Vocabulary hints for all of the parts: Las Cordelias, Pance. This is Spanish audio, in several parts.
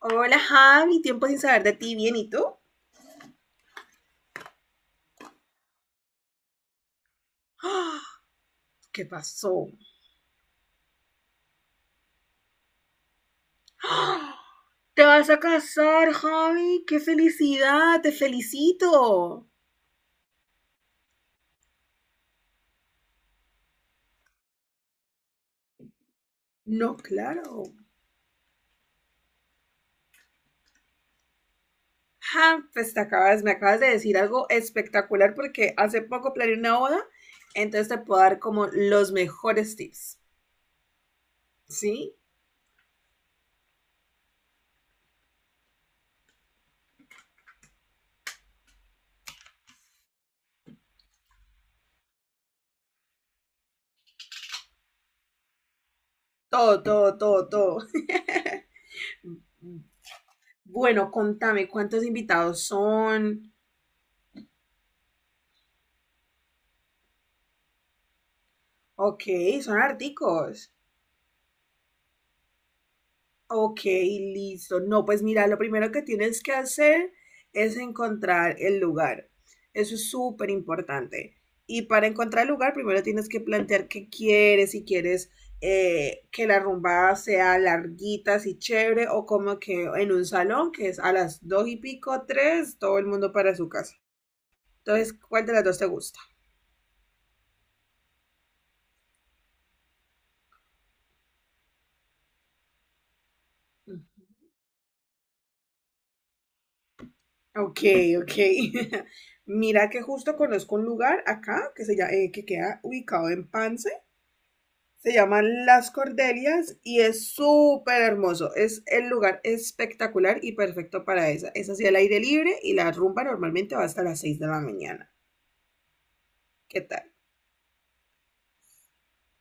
Hola Javi, tiempo sin saber de ti, bien, ¿y tú? ¿Qué pasó? ¿Te vas a casar, Javi? ¡Qué felicidad! ¡Te felicito! No, claro. Ja, pues me acabas de decir algo espectacular porque hace poco planeé una boda, entonces te puedo dar como los mejores tips, ¿sí? Todo, todo, todo, todo. Bueno, contame, ¿cuántos invitados son? Ok, son articos. Ok, listo. No, pues mira, lo primero que tienes que hacer es encontrar el lugar. Eso es súper importante. Y para encontrar el lugar, primero tienes que plantear qué quieres, si quieres que la rumba sea larguita, así chévere, o como que en un salón, que es a las dos y pico, tres, todo el mundo para su casa. Entonces, ¿cuál de las dos te gusta? Ok, ok. Mira que justo conozco un lugar acá que queda ubicado en Pance. Se llaman Las Cordelias y es súper hermoso. Es el lugar espectacular y perfecto para esa. Es así al aire libre y la rumba normalmente va hasta las 6 de la mañana. ¿Qué tal?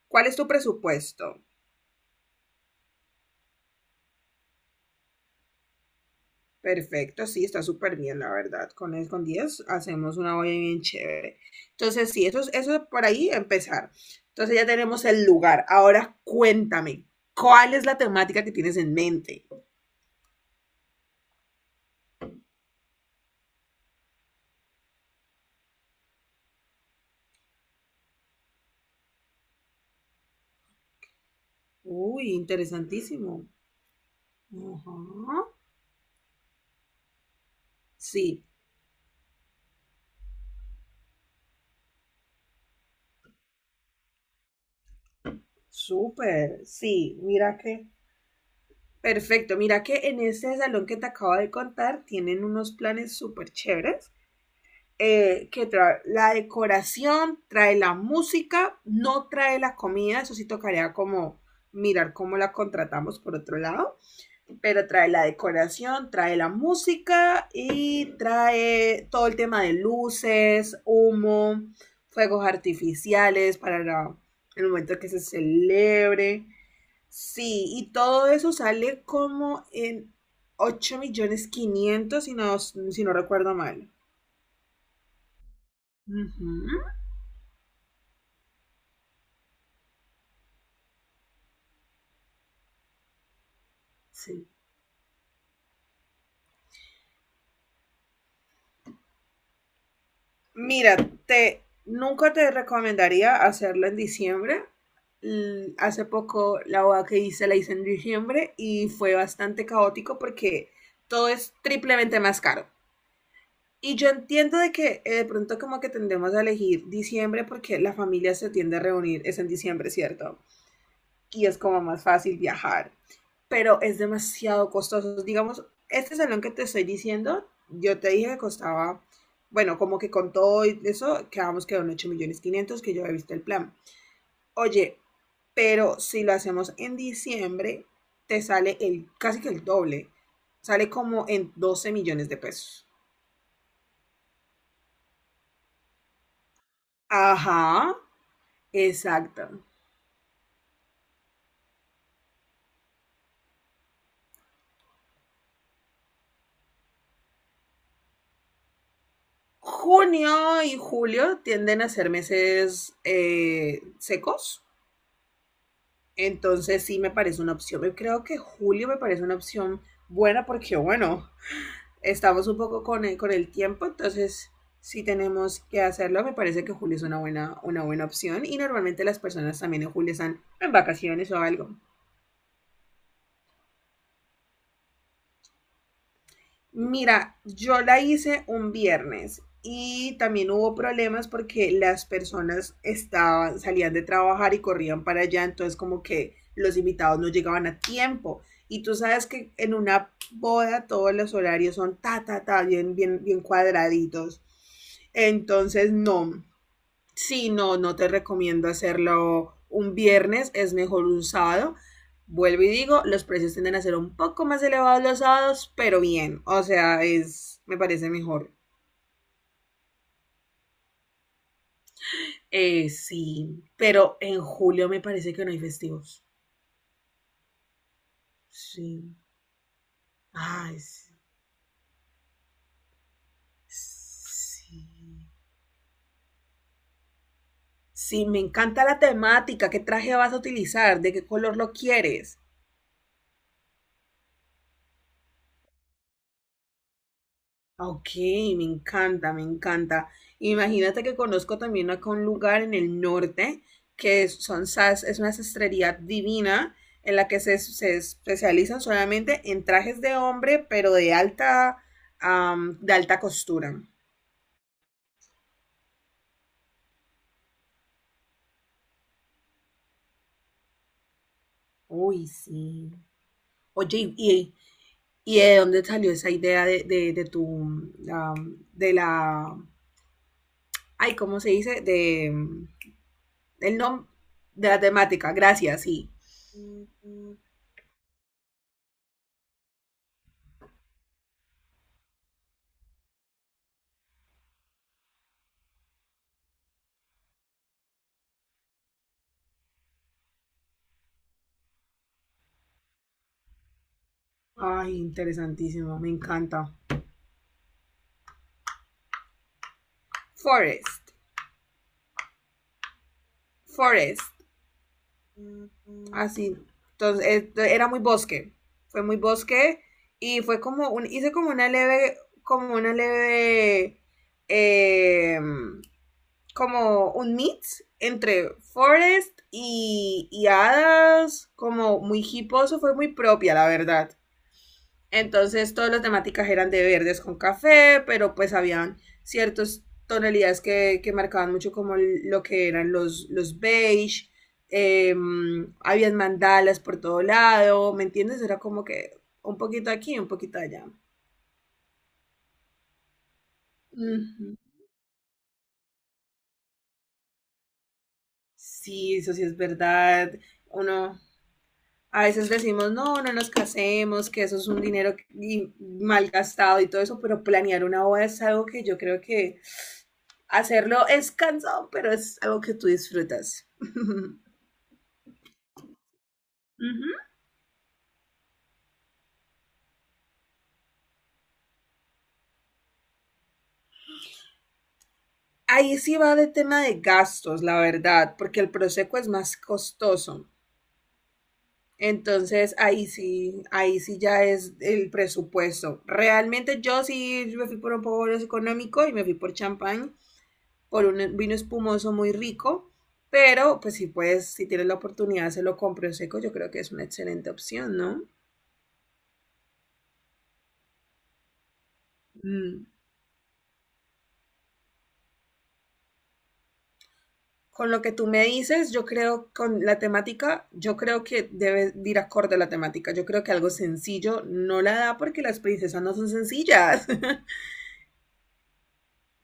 ¿Cuál es tu presupuesto? Perfecto, sí, está súper bien, la verdad. Con 10 hacemos una olla bien chévere. Entonces, sí, eso es por ahí empezar. Entonces ya tenemos el lugar. Ahora cuéntame, ¿cuál es la temática que tienes en mente? Uy, interesantísimo. Ajá. Sí, súper. Sí, mira que perfecto, mira que en ese salón que te acabo de contar tienen unos planes súper chéveres, que trae la decoración, trae la música, no trae la comida, eso sí tocaría como mirar cómo la contratamos por otro lado, pero trae la decoración, trae la música y trae todo el tema de luces, humo, fuegos artificiales para el momento que se celebre. Sí, y todo eso sale como en 8 millones 500 si no recuerdo mal. Ujú, sí. Mira, nunca te recomendaría hacerlo en diciembre. Hace poco la boda que hice la hice en diciembre y fue bastante caótico porque todo es triplemente más caro. Y yo entiendo de que de pronto como que tendemos a elegir diciembre porque la familia se tiende a reunir, es en diciembre, ¿cierto? Y es como más fácil viajar, pero es demasiado costoso. Digamos, este salón que te estoy diciendo, yo te dije que costaba, bueno, como que con todo y eso, quedamos que en 8 millones 500 que yo he visto el plan. Oye, pero si lo hacemos en diciembre, te sale casi que el doble, sale como en 12 millones de pesos. Ajá, exacto. Junio y julio tienden a ser meses secos. Entonces sí me parece una opción. Yo creo que julio me parece una opción buena porque, bueno, estamos un poco con el tiempo, entonces si tenemos que hacerlo, me parece que julio es una buena opción y normalmente las personas también en julio están en vacaciones o algo. Mira, yo la hice un viernes y también hubo problemas porque las personas salían de trabajar y corrían para allá, entonces como que los invitados no llegaban a tiempo. Y tú sabes que en una boda todos los horarios son ta, ta, ta, bien, bien, bien cuadraditos. Entonces, no. Sí, no, no te recomiendo hacerlo un viernes, es mejor un sábado. Vuelvo y digo, los precios tienden a ser un poco más elevados los sábados, pero bien, o sea, me parece mejor. Sí, pero en julio me parece que no hay festivos. Sí. Ay, sí. Sí, sí, me encanta la temática. ¿Qué traje vas a utilizar? ¿De qué color lo quieres? Ok, me encanta, me encanta. Imagínate que conozco también acá un lugar en el norte que es una sastrería divina en la que se especializan solamente en trajes de hombre, pero de alta costura. Uy, sí. Oye, ¿y de dónde salió esa idea de tu, de la, ay, ¿cómo se dice? Del nombre, de la temática? Gracias, sí. Ay, interesantísimo, me encanta. Forest, forest, así. Entonces, era muy bosque, fue muy bosque y fue como, hice como una leve, eh, como un mix entre forest y hadas, como muy hiposo, fue muy propia, la verdad. Entonces todas las temáticas eran de verdes con café, pero pues habían ciertas tonalidades que marcaban mucho como lo que eran los beige, eh, habían mandalas por todo lado, ¿me entiendes? Era como que un poquito aquí, un poquito allá. Ujú. Sí, eso sí es verdad. Uno, a veces decimos, no, no nos casemos, que eso es un dinero malgastado y todo eso, pero planear una boda es algo que yo creo que hacerlo es cansado, pero es algo que tú disfrutas. Uh -huh. Ahí sí va de tema de gastos, la verdad, porque el Prosecco es más costoso. Entonces ahí sí ya es el presupuesto. Realmente yo sí me fui por un poco más económico y me fui por champán, por un vino espumoso muy rico, pero pues si puedes, si tienes la oportunidad, se lo compro prosecco. Yo creo que es una excelente opción, ¿no? Mm, Con lo que tú me dices, yo creo con la temática, yo creo que debe de ir acorde a la temática. Yo creo que algo sencillo no la da porque las princesas no son sencillas.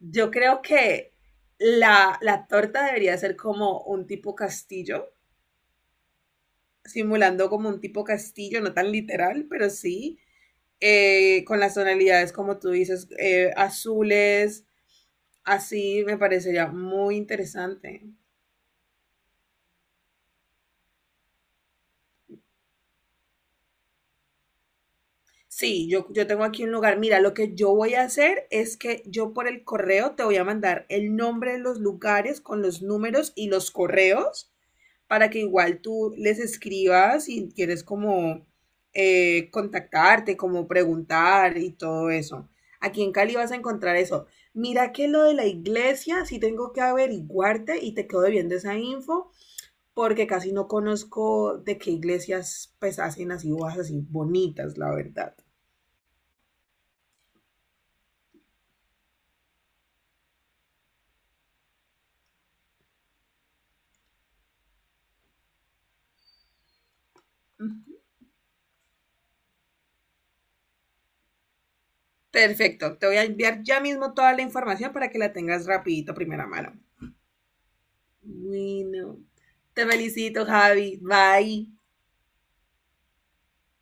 Yo creo que la torta debería ser como un tipo castillo, simulando como un tipo castillo, no tan literal, pero sí, con las tonalidades como tú dices, azules, así me parecería muy interesante. Sí, yo tengo aquí un lugar. Mira, lo que yo voy a hacer es que yo por el correo te voy a mandar el nombre de los lugares con los números y los correos para que igual tú les escribas y quieres como contactarte, como preguntar y todo eso. Aquí en Cali vas a encontrar eso. Mira que lo de la iglesia, sí tengo que averiguarte y te quedo debiendo esa info porque casi no conozco de qué iglesias pues hacen así bodas así bonitas, la verdad. Perfecto, te voy a enviar ya mismo toda la información para que la tengas rapidito, primera mano. Bueno, te felicito, Javi. Bye.